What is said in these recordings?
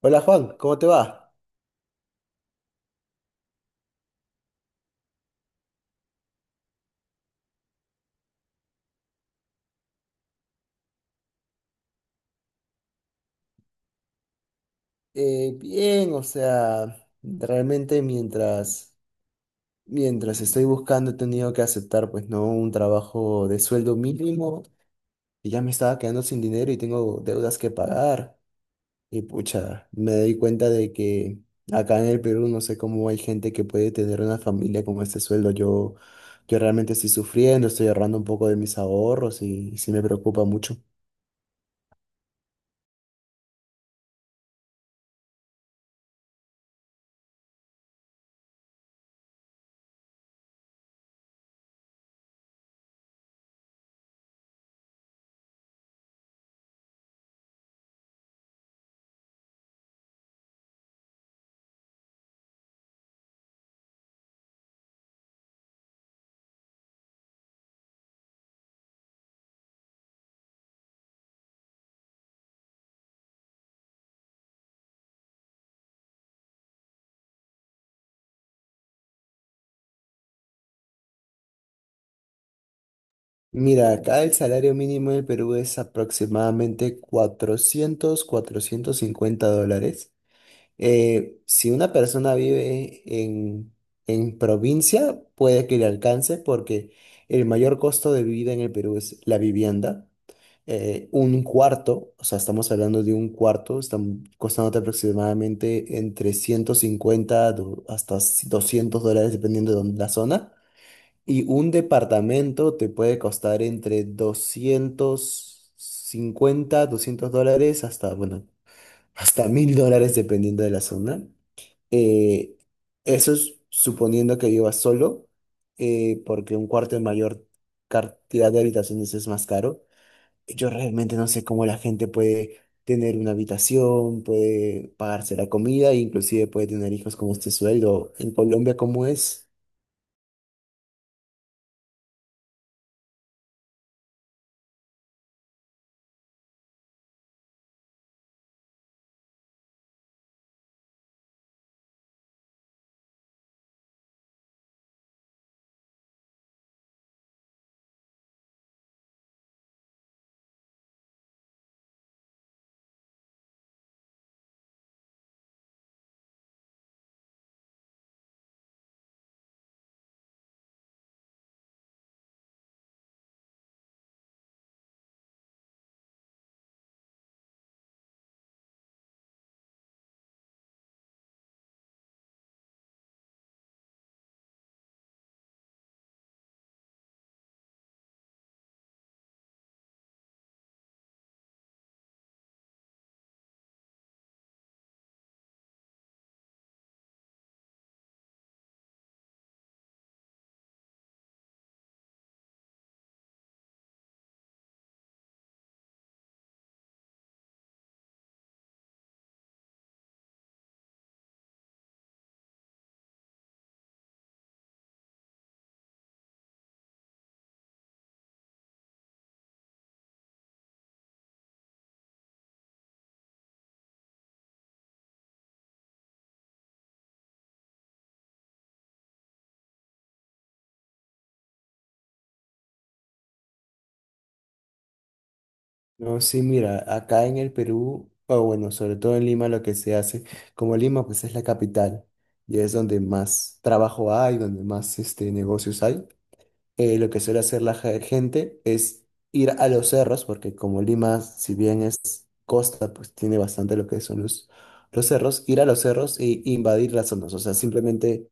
Hola Juan, ¿cómo te va? Bien, o sea, realmente mientras estoy buscando he tenido que aceptar pues no un trabajo de sueldo mínimo y ya me estaba quedando sin dinero y tengo deudas que pagar y pucha, me doy cuenta de que acá en el Perú no sé cómo hay gente que puede tener una familia con este sueldo. Yo realmente estoy sufriendo, estoy ahorrando un poco de mis ahorros y sí me preocupa mucho. Mira, acá el salario mínimo del Perú es aproximadamente cuatrocientos cincuenta dólares. Si una persona vive en provincia, puede que le alcance porque el mayor costo de vida en el Perú es la vivienda. Un cuarto, o sea, estamos hablando de un cuarto, están costándote aproximadamente entre 150 hasta $200 dependiendo de la zona. Y un departamento te puede costar entre $200 hasta, bueno, hasta $1,000 dependiendo de la zona. Eh, Eso es suponiendo que vivas solo, porque un cuarto de mayor cantidad de habitaciones es más caro. Yo realmente no sé cómo la gente puede tener una habitación, puede pagarse la comida, e inclusive puede tener hijos con este sueldo. En Colombia, ¿cómo es? No, sí, mira, acá en el Perú, o bueno, sobre todo en Lima, lo que se hace, como Lima pues es la capital y es donde más trabajo hay, donde más este, negocios hay, lo que suele hacer la gente es ir a los cerros, porque como Lima, si bien es costa, pues tiene bastante lo que son los cerros, ir a los cerros e invadir las zonas, o sea, simplemente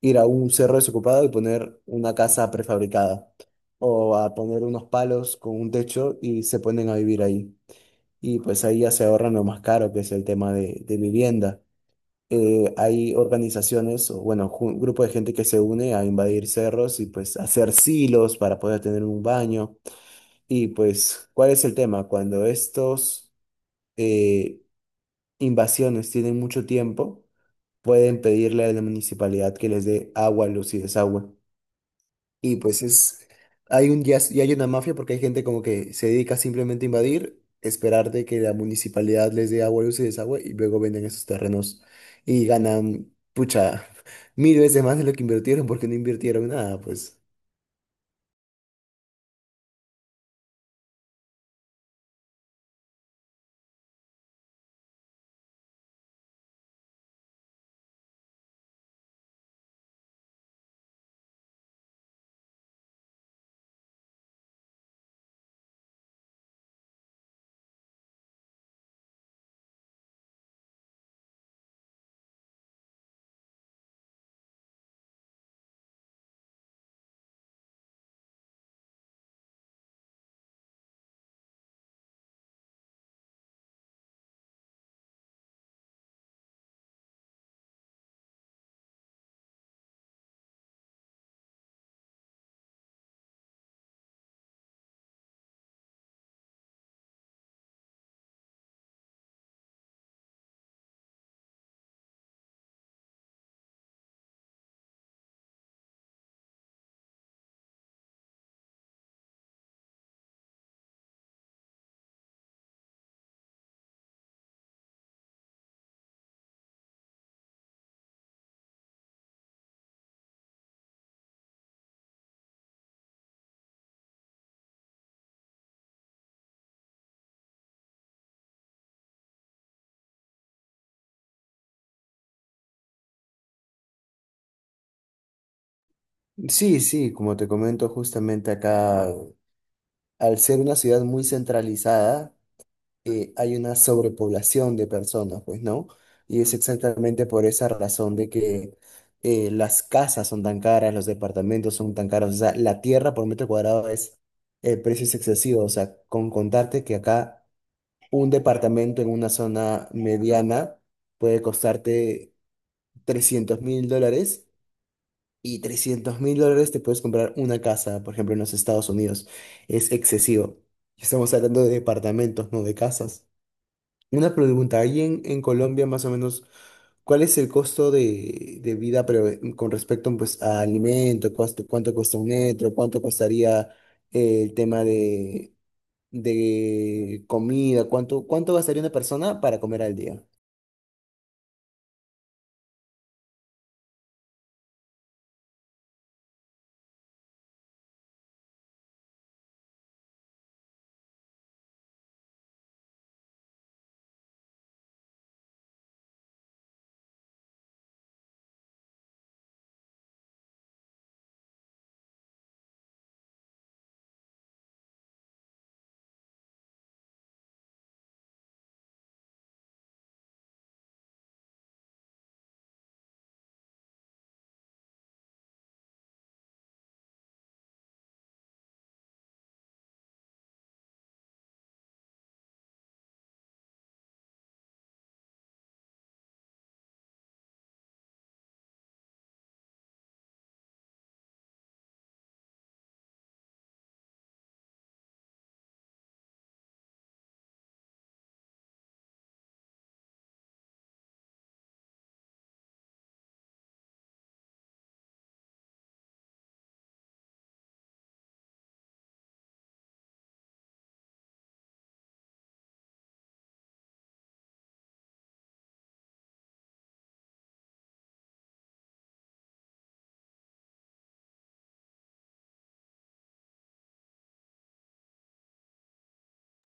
ir a un cerro desocupado y poner una casa prefabricada o a poner unos palos con un techo y se ponen a vivir ahí y pues ahí ya se ahorran lo más caro, que es el tema de vivienda. Hay organizaciones, o bueno, un grupo de gente que se une a invadir cerros y pues hacer silos para poder tener un baño. Y pues, ¿cuál es el tema? Cuando estos eh, invasiones tienen mucho tiempo, pueden pedirle a la municipalidad que les dé agua, luz y desagüe. Y pues, ya, ya hay una mafia porque hay gente como que se dedica simplemente a invadir, esperar de que la municipalidad les dé agua, luz y desagüe y luego venden esos terrenos y ganan, pucha, mil veces más de lo que invirtieron porque no invirtieron nada, pues. Sí, sí, como te comento justamente acá, al ser una ciudad muy centralizada, hay una sobrepoblación de personas, pues, ¿no? Y es exactamente por esa razón de que las casas son tan caras, los departamentos son tan caros, o sea, la tierra por metro cuadrado el precio es excesivo, o sea, con contarte que acá un departamento en una zona mediana puede costarte $300,000. Y $300,000 te puedes comprar una casa, por ejemplo, en los Estados Unidos. Es excesivo. Estamos hablando de departamentos, no de casas. Una pregunta, ahí en Colombia más o menos, ¿cuál es el costo de vida pero, con respecto pues, a alimento? ¿Cuánto cuesta un metro? ¿Cuánto costaría el tema de comida? ¿Cuánto gastaría una persona para comer al día?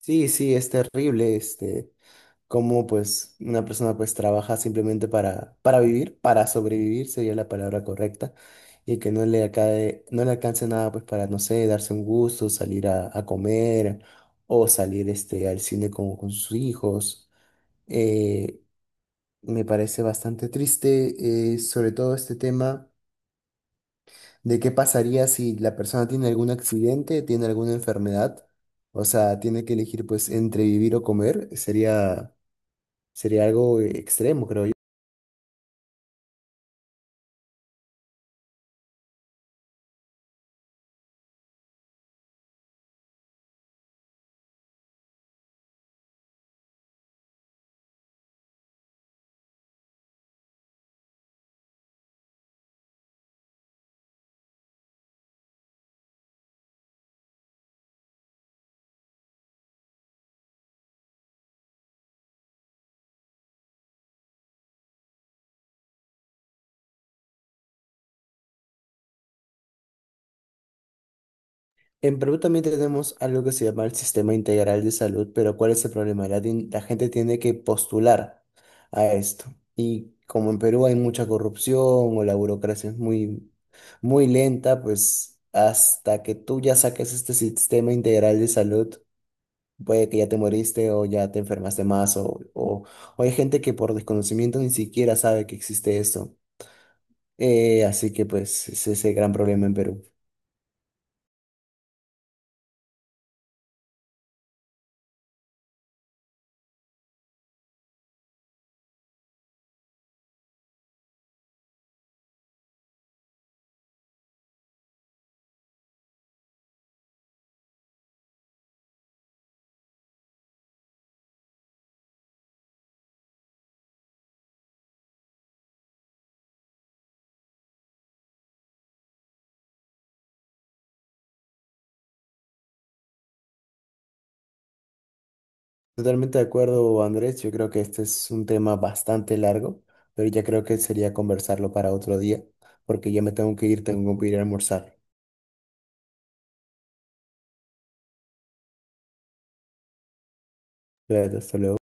Sí, sí, es terrible. Este, cómo pues una persona pues trabaja simplemente para vivir, para sobrevivir sería la palabra correcta, y que no le acabe, no le alcance nada pues para, no sé, darse un gusto, salir a comer o salir este, al cine con sus hijos. Eh, Me parece bastante triste, sobre todo este tema de qué pasaría si la persona tiene algún accidente, tiene alguna enfermedad, o sea, tiene que elegir pues entre vivir o comer, sería algo extremo, creo yo. En Perú también tenemos algo que se llama el Sistema Integral de Salud, pero ¿cuál es el problema? La gente tiene que postular a esto. Y como en Perú hay mucha corrupción o la burocracia es muy, muy lenta, pues hasta que tú ya saques este Sistema Integral de Salud, puede que ya te moriste o ya te enfermaste más o hay gente que por desconocimiento ni siquiera sabe que existe esto. Así que pues es ese gran problema en Perú. Totalmente de acuerdo, Andrés. Yo creo que este es un tema bastante largo, pero ya creo que sería conversarlo para otro día, porque ya me tengo que ir a almorzar. Claro, hasta luego.